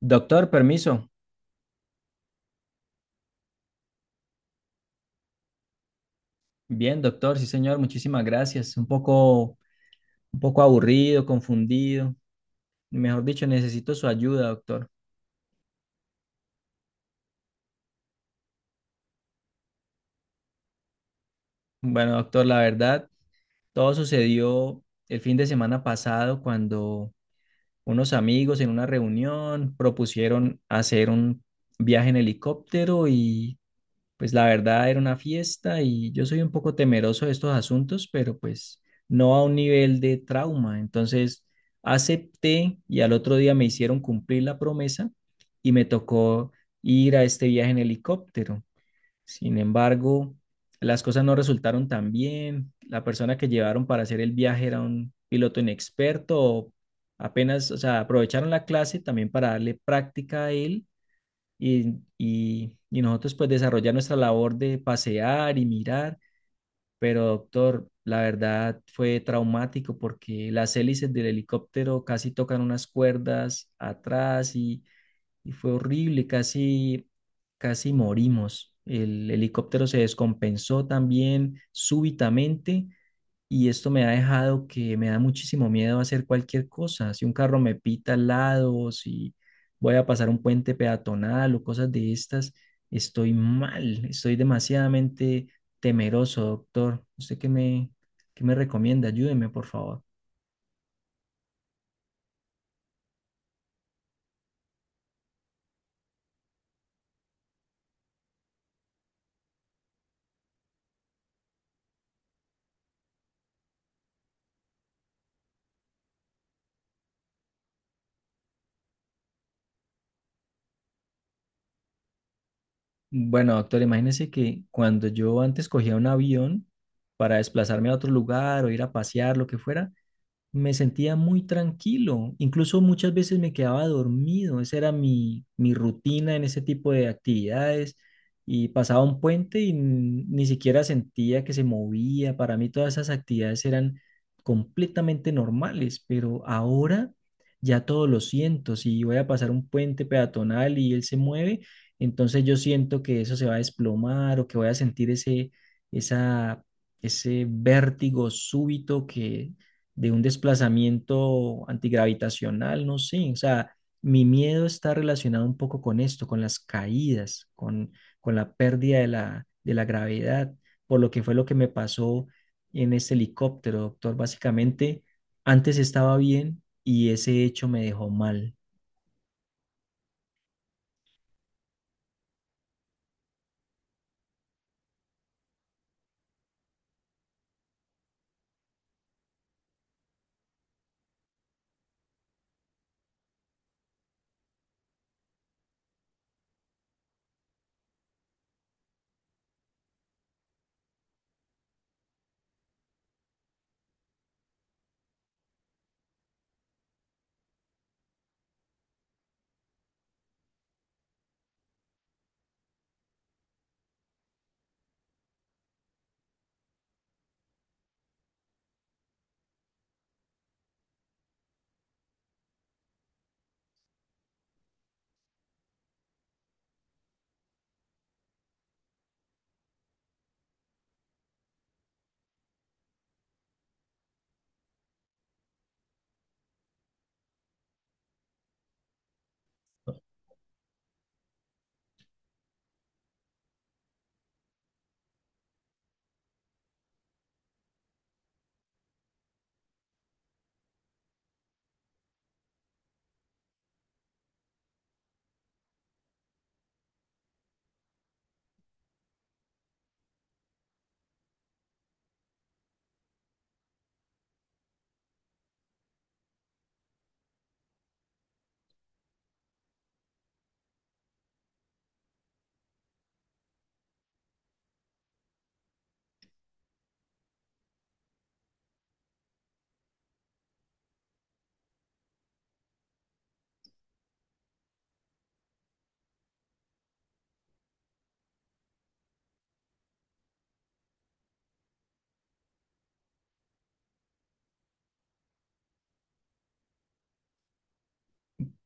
Doctor, permiso. Bien, doctor, sí, señor, muchísimas gracias. Un poco aburrido, confundido. Mejor dicho, necesito su ayuda, doctor. Bueno, doctor, la verdad, todo sucedió el fin de semana pasado cuando unos amigos en una reunión propusieron hacer un viaje en helicóptero y pues la verdad era una fiesta y yo soy un poco temeroso de estos asuntos, pero pues no a un nivel de trauma. Entonces acepté y al otro día me hicieron cumplir la promesa y me tocó ir a este viaje en helicóptero. Sin embargo, las cosas no resultaron tan bien. La persona que llevaron para hacer el viaje era un piloto inexperto. Apenas, o sea, aprovecharon la clase también para darle práctica a él y nosotros pues desarrollar nuestra labor de pasear y mirar, pero doctor, la verdad fue traumático porque las hélices del helicóptero casi tocan unas cuerdas atrás y fue horrible, casi, casi morimos. El helicóptero se descompensó también súbitamente y esto me ha dejado que me da muchísimo miedo hacer cualquier cosa. Si un carro me pita al lado, si voy a pasar un puente peatonal o cosas de estas, estoy mal, estoy demasiadamente temeroso, doctor. ¿Usted qué me recomienda? Ayúdeme, por favor. Bueno, doctor, imagínese que cuando yo antes cogía un avión para desplazarme a otro lugar o ir a pasear, lo que fuera, me sentía muy tranquilo, incluso muchas veces me quedaba dormido, esa era mi rutina en ese tipo de actividades y pasaba un puente y ni siquiera sentía que se movía, para mí todas esas actividades eran completamente normales, pero ahora ya todo lo siento, si voy a pasar un puente peatonal y él se mueve, entonces yo siento que eso se va a desplomar o que voy a sentir ese, esa ese vértigo súbito que de un desplazamiento antigravitacional, no sé, o sea, mi miedo está relacionado un poco con esto, con las caídas, con la pérdida de de la gravedad, por lo que fue lo que me pasó en este helicóptero, doctor. Básicamente, antes estaba bien y ese hecho me dejó mal.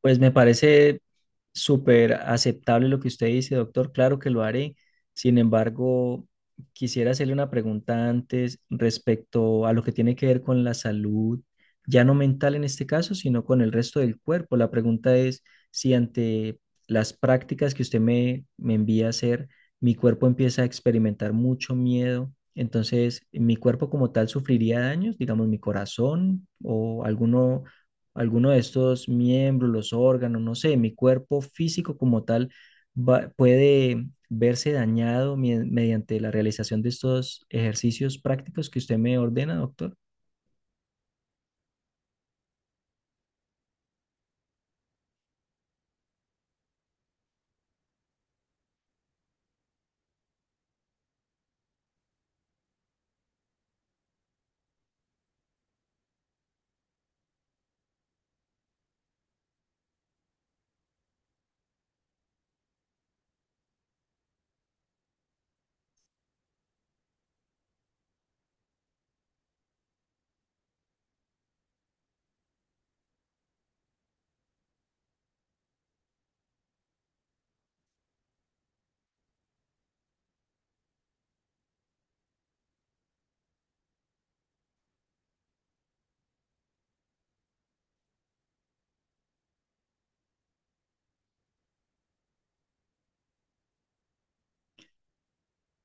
Pues me parece súper aceptable lo que usted dice, doctor. Claro que lo haré. Sin embargo, quisiera hacerle una pregunta antes respecto a lo que tiene que ver con la salud, ya no mental en este caso, sino con el resto del cuerpo. La pregunta es si ante las prácticas que me envía a hacer, mi cuerpo empieza a experimentar mucho miedo. Entonces, mi cuerpo como tal sufriría daños, digamos, mi corazón o alguno de estos miembros, los órganos, no sé, mi cuerpo físico como tal puede verse dañado mediante la realización de estos ejercicios prácticos que usted me ordena, doctor.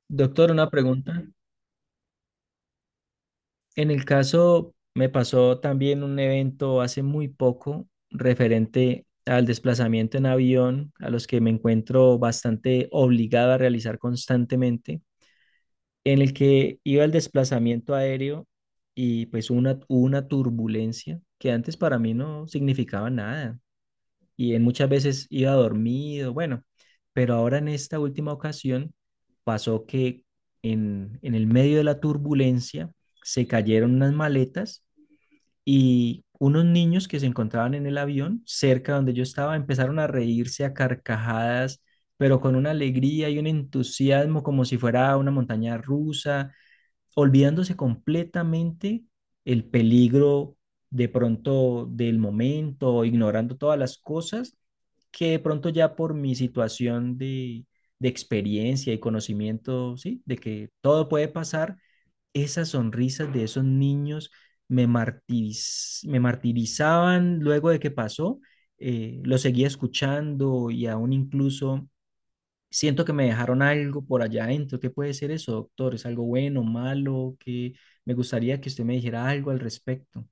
Doctor, una pregunta. En el caso, me pasó también un evento hace muy poco referente al desplazamiento en avión, a los que me encuentro bastante obligado a realizar constantemente. En el que iba el desplazamiento aéreo y pues hubo una turbulencia que antes para mí no significaba nada y en muchas veces iba dormido, bueno, pero ahora en esta última ocasión pasó que en el medio de la turbulencia se cayeron unas maletas y unos niños que se encontraban en el avión cerca donde yo estaba empezaron a reírse a carcajadas, pero con una alegría y un entusiasmo como si fuera una montaña rusa olvidándose completamente el peligro de pronto del momento, ignorando todas las cosas que de pronto ya por mi situación de experiencia y conocimiento, ¿sí? De que todo puede pasar, esas sonrisas de esos niños me martirizaban luego de que pasó, lo seguía escuchando y aún incluso siento que me dejaron algo por allá adentro. ¿Qué puede ser eso, doctor? ¿Es algo bueno, malo? Que me gustaría que usted me dijera algo al respecto.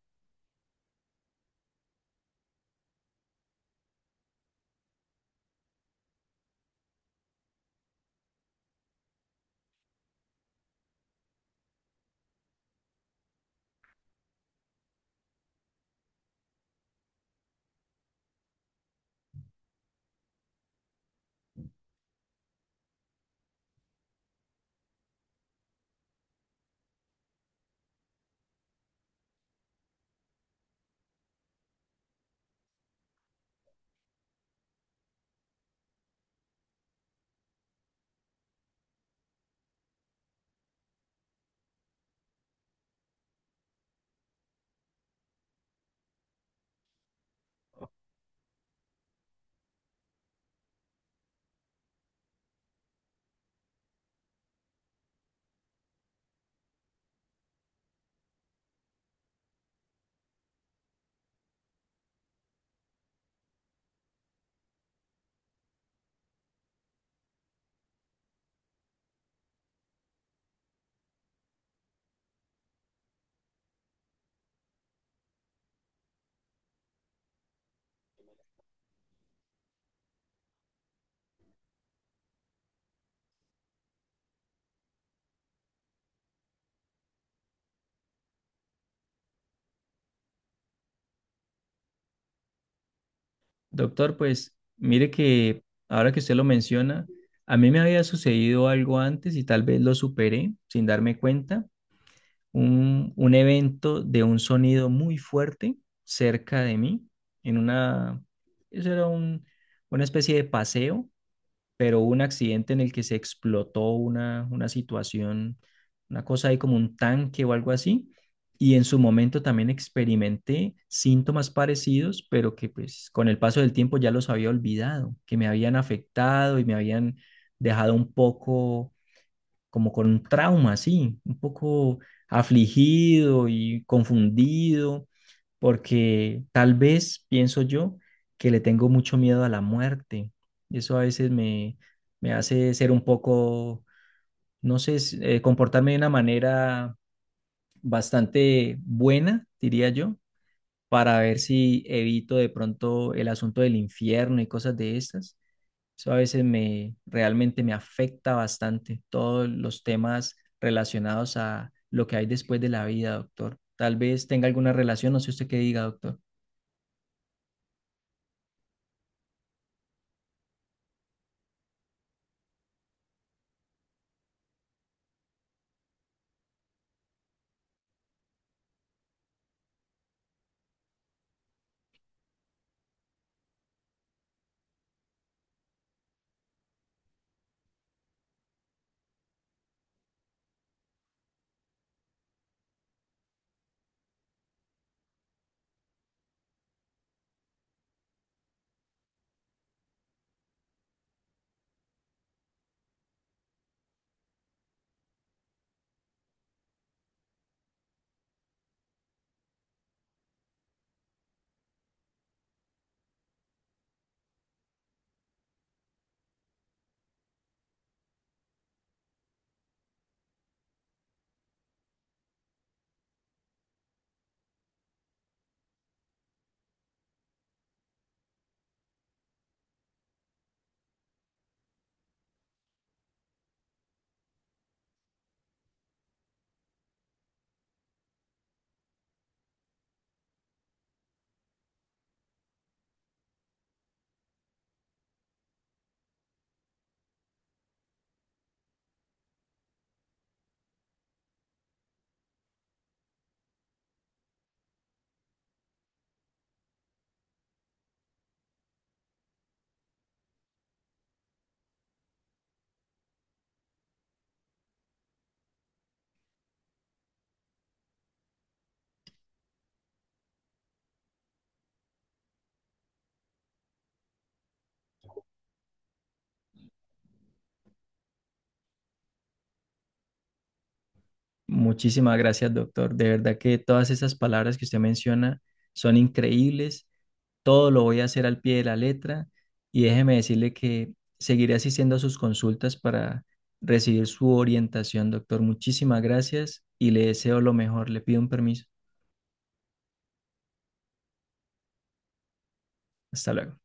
Doctor, pues mire que ahora que usted lo menciona, a mí me había sucedido algo antes y tal vez lo superé sin darme cuenta, un evento de un sonido muy fuerte cerca de mí, en una, eso era un, una especie de paseo pero hubo un accidente en el que se explotó una situación, una cosa ahí como un tanque o algo así, y en su momento también experimenté síntomas parecidos, pero que pues con el paso del tiempo ya los había olvidado, que me habían afectado y me habían dejado un poco como con trauma, sí, un poco afligido y confundido, porque tal vez pienso yo que le tengo mucho miedo a la muerte. Y eso a veces me hace ser un poco, no sé, comportarme de una manera bastante buena, diría yo, para ver si evito de pronto el asunto del infierno y cosas de estas. Eso a veces me realmente me afecta bastante todos los temas relacionados a lo que hay después de la vida, doctor. Tal vez tenga alguna relación, no sé usted qué diga, doctor. Muchísimas gracias, doctor. De verdad que todas esas palabras que usted menciona son increíbles. Todo lo voy a hacer al pie de la letra y déjeme decirle que seguiré asistiendo a sus consultas para recibir su orientación, doctor. Muchísimas gracias y le deseo lo mejor. Le pido un permiso. Hasta luego.